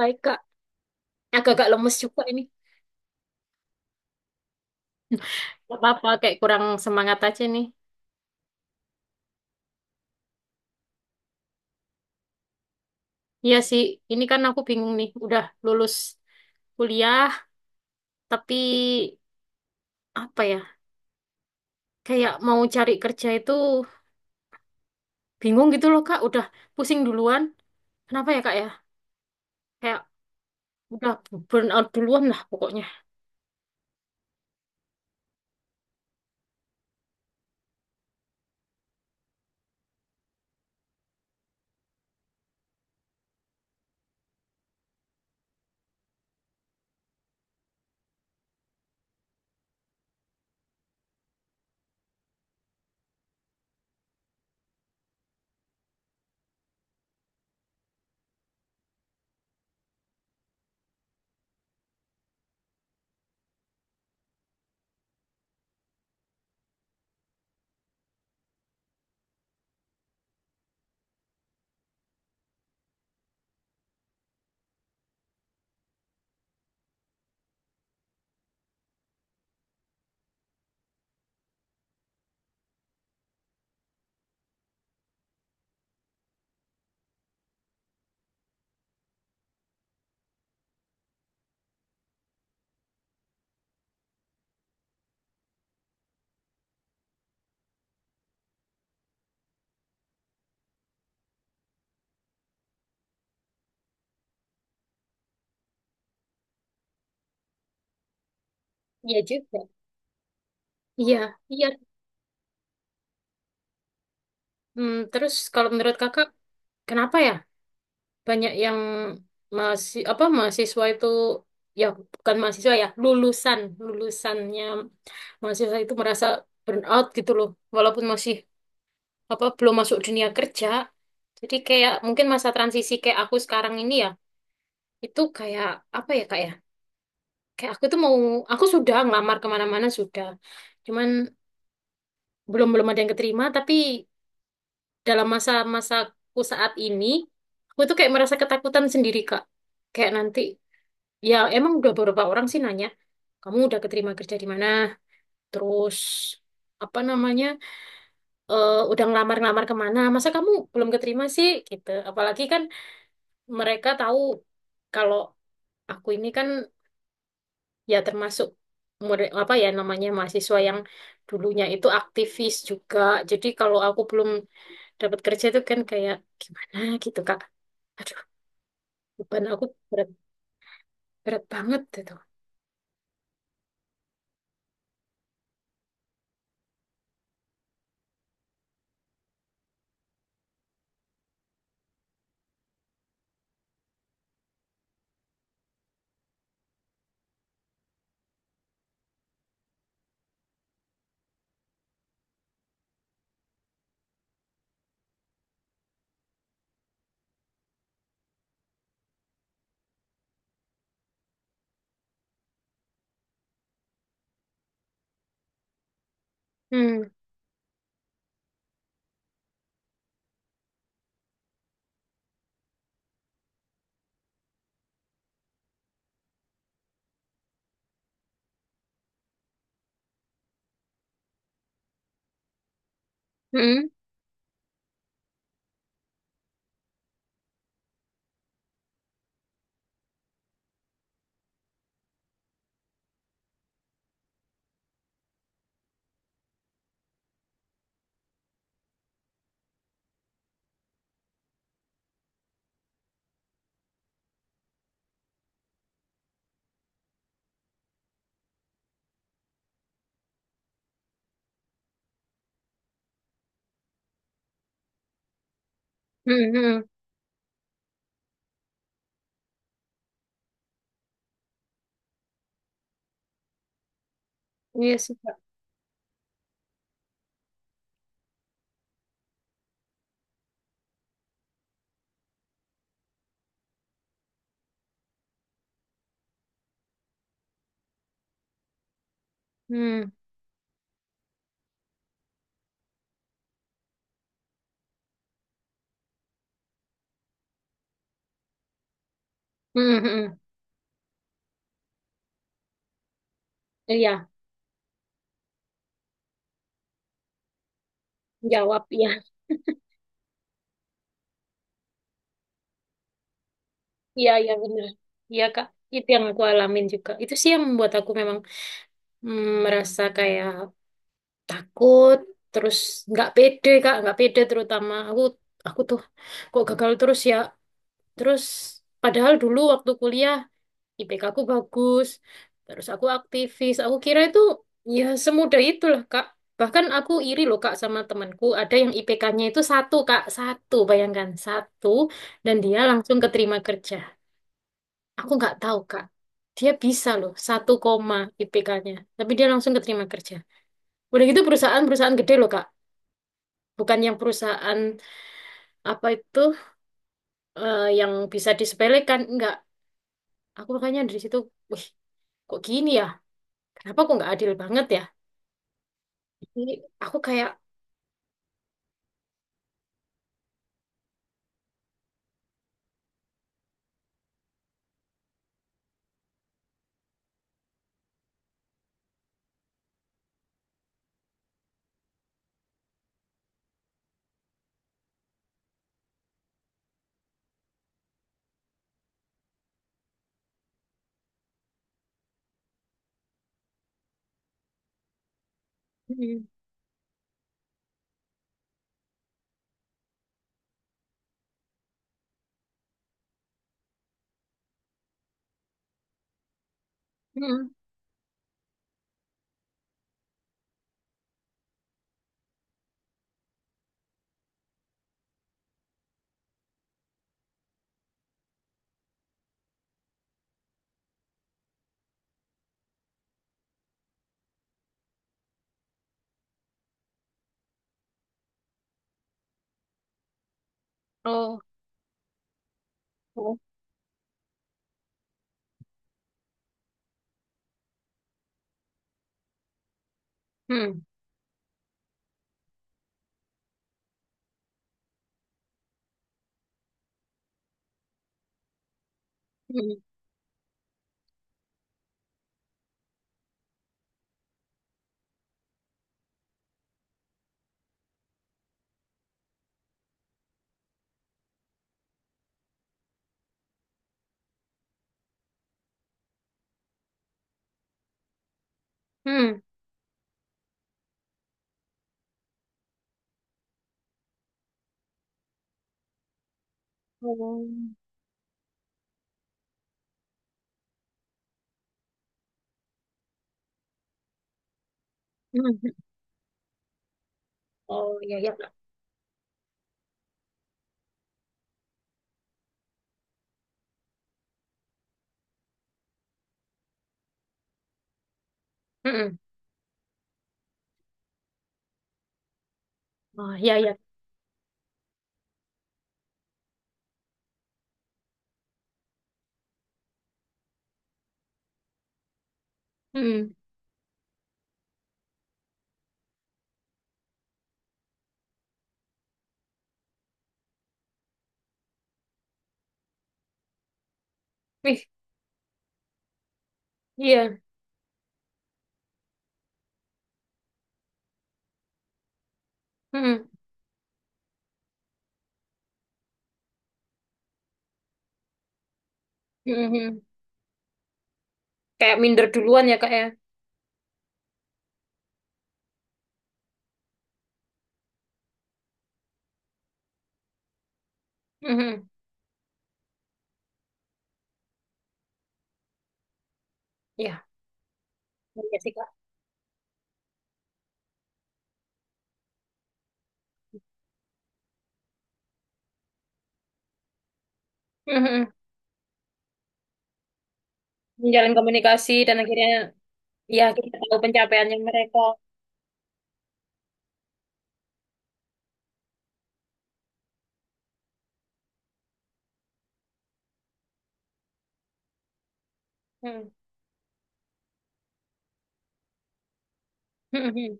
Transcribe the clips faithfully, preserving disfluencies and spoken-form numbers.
Baik, Kak. Agak-agak lemes juga ini. Gak apa-apa, kayak kurang semangat aja nih. Iya sih, ini kan aku bingung nih. Udah lulus kuliah, tapi apa ya? Kayak mau cari kerja itu bingung gitu loh, Kak. Udah pusing duluan. Kenapa ya, Kak ya? Kayak udah burn out duluan lah pokoknya. Iya juga. Iya, iya. Hmm, terus kalau menurut Kakak, kenapa ya? Banyak yang masih apa mahasiswa itu, ya bukan mahasiswa, ya lulusan lulusannya mahasiswa itu merasa burnout gitu loh, walaupun masih apa belum masuk dunia kerja. Jadi kayak mungkin masa transisi kayak aku sekarang ini, ya itu kayak apa ya kak ya, kayak aku tuh mau, aku sudah ngelamar kemana-mana sudah, cuman belum belum ada yang keterima. Tapi dalam masa-masaku saat ini aku tuh kayak merasa ketakutan sendiri, Kak. Kayak nanti, ya emang udah beberapa orang sih nanya, kamu udah keterima kerja di mana? Terus, apa namanya, eh, udah ngelamar-ngelamar kemana? Masa kamu belum keterima sih? Gitu. Apalagi kan mereka tahu kalau aku ini kan ya termasuk murid- apa ya namanya mahasiswa yang dulunya itu aktivis juga. Jadi kalau aku belum dapat kerja itu kan kayak gimana gitu, Kak. Aduh, beban aku berat, berat banget itu. Hmm, hmm, hmm, hmm. Iya sih, Kak. Hmm. Hmm, hmm, hmm. Iya, jawab ya. Iya, iya benar. Iya, Kak. Itu yang aku alamin juga. Itu sih yang membuat aku memang mm, merasa kayak takut, terus nggak pede, Kak, nggak pede. Terutama aku aku tuh kok gagal terus ya. Terus padahal dulu waktu kuliah I P K aku bagus, terus aku aktivis. Aku kira itu ya semudah itulah, Kak. Bahkan aku iri loh, Kak, sama temanku. Ada yang I P K-nya itu satu, Kak. Satu, bayangkan. Satu. Dan dia langsung keterima kerja. Aku nggak tahu, Kak. Dia bisa loh, satu koma I P K-nya. Tapi dia langsung keterima kerja. Udah gitu perusahaan-perusahaan gede loh, Kak. Bukan yang perusahaan apa itu, eh, yang bisa disepelekan. Enggak. Aku makanya dari situ, wih, kok gini ya? Kenapa kok nggak adil banget ya? Jadi aku kayak hmm, hmm, hmm, oh, oh, hmm, hmm, hmm, oh, hmm, hmm, oh, ya ya, Kak. Hmm, hmm, oh ya ya, hmm, ih, iya, hmm, hmm, hmm. Hmm, kayak minder duluan ya kak ya, hmm, ya, iya iya sih kak, hmm, hmm, menjalin komunikasi dan akhirnya ya kita tahu pencapaiannya mereka, hmm, hmm, hmm.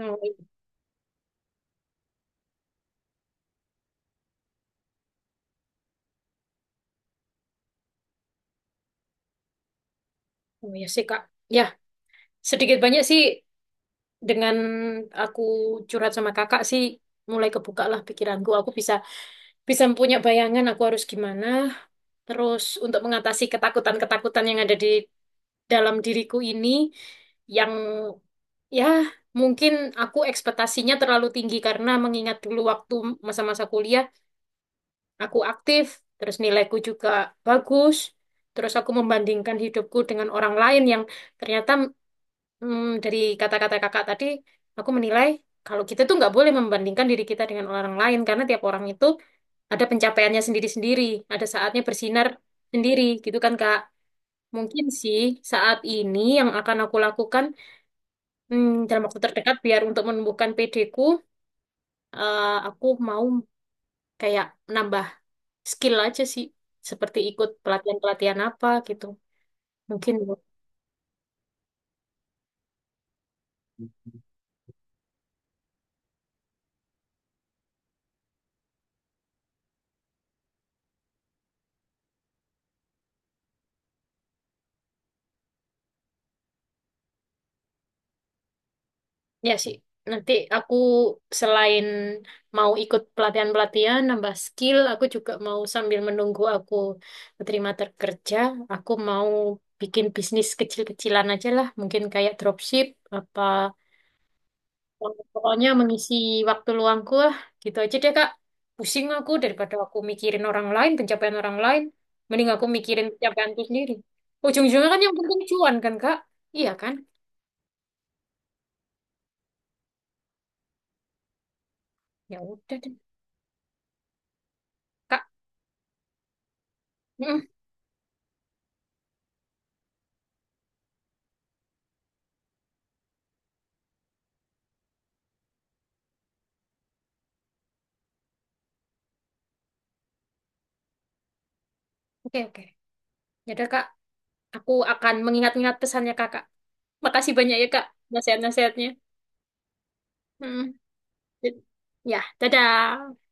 Oh, iya. Oh, iya sih kak, ya sedikit banyak sih dengan aku curhat sama kakak sih mulai kebuka lah pikiranku. Aku bisa bisa punya bayangan aku harus gimana. Terus untuk mengatasi ketakutan-ketakutan yang ada di dalam diriku ini, yang ya mungkin aku ekspektasinya terlalu tinggi karena mengingat dulu waktu masa-masa kuliah aku aktif, terus nilaiku juga bagus. Terus aku membandingkan hidupku dengan orang lain yang ternyata hmm, dari kata-kata kakak tadi, aku menilai kalau kita tuh nggak boleh membandingkan diri kita dengan orang lain karena tiap orang itu ada pencapaiannya sendiri-sendiri, ada saatnya bersinar sendiri, gitu kan Kak? Mungkin sih saat ini yang akan aku lakukan, hmm, dalam waktu terdekat biar untuk menumbuhkan P D-ku, eh, aku mau kayak nambah skill aja sih, seperti ikut pelatihan-pelatihan apa gitu. Mungkin. Ya sih, nanti aku selain mau ikut pelatihan-pelatihan, nambah skill, aku juga mau sambil menunggu aku terima kerja, aku mau bikin bisnis kecil-kecilan aja lah, mungkin kayak dropship, apa pokoknya mengisi waktu luangku lah, gitu aja deh Kak. Pusing aku daripada aku mikirin orang lain, pencapaian orang lain, mending aku mikirin pencapaianku sendiri. Ujung-ujungnya kan yang penting cuan kan Kak? Iya kan? Ya udah deh Kak. Mm, oke oke. Ya udah Kak. Aku akan mengingat-ingat pesannya kakak. Makasih banyak ya kak nasihat-nasihatnya. Mm. Ya, dadah.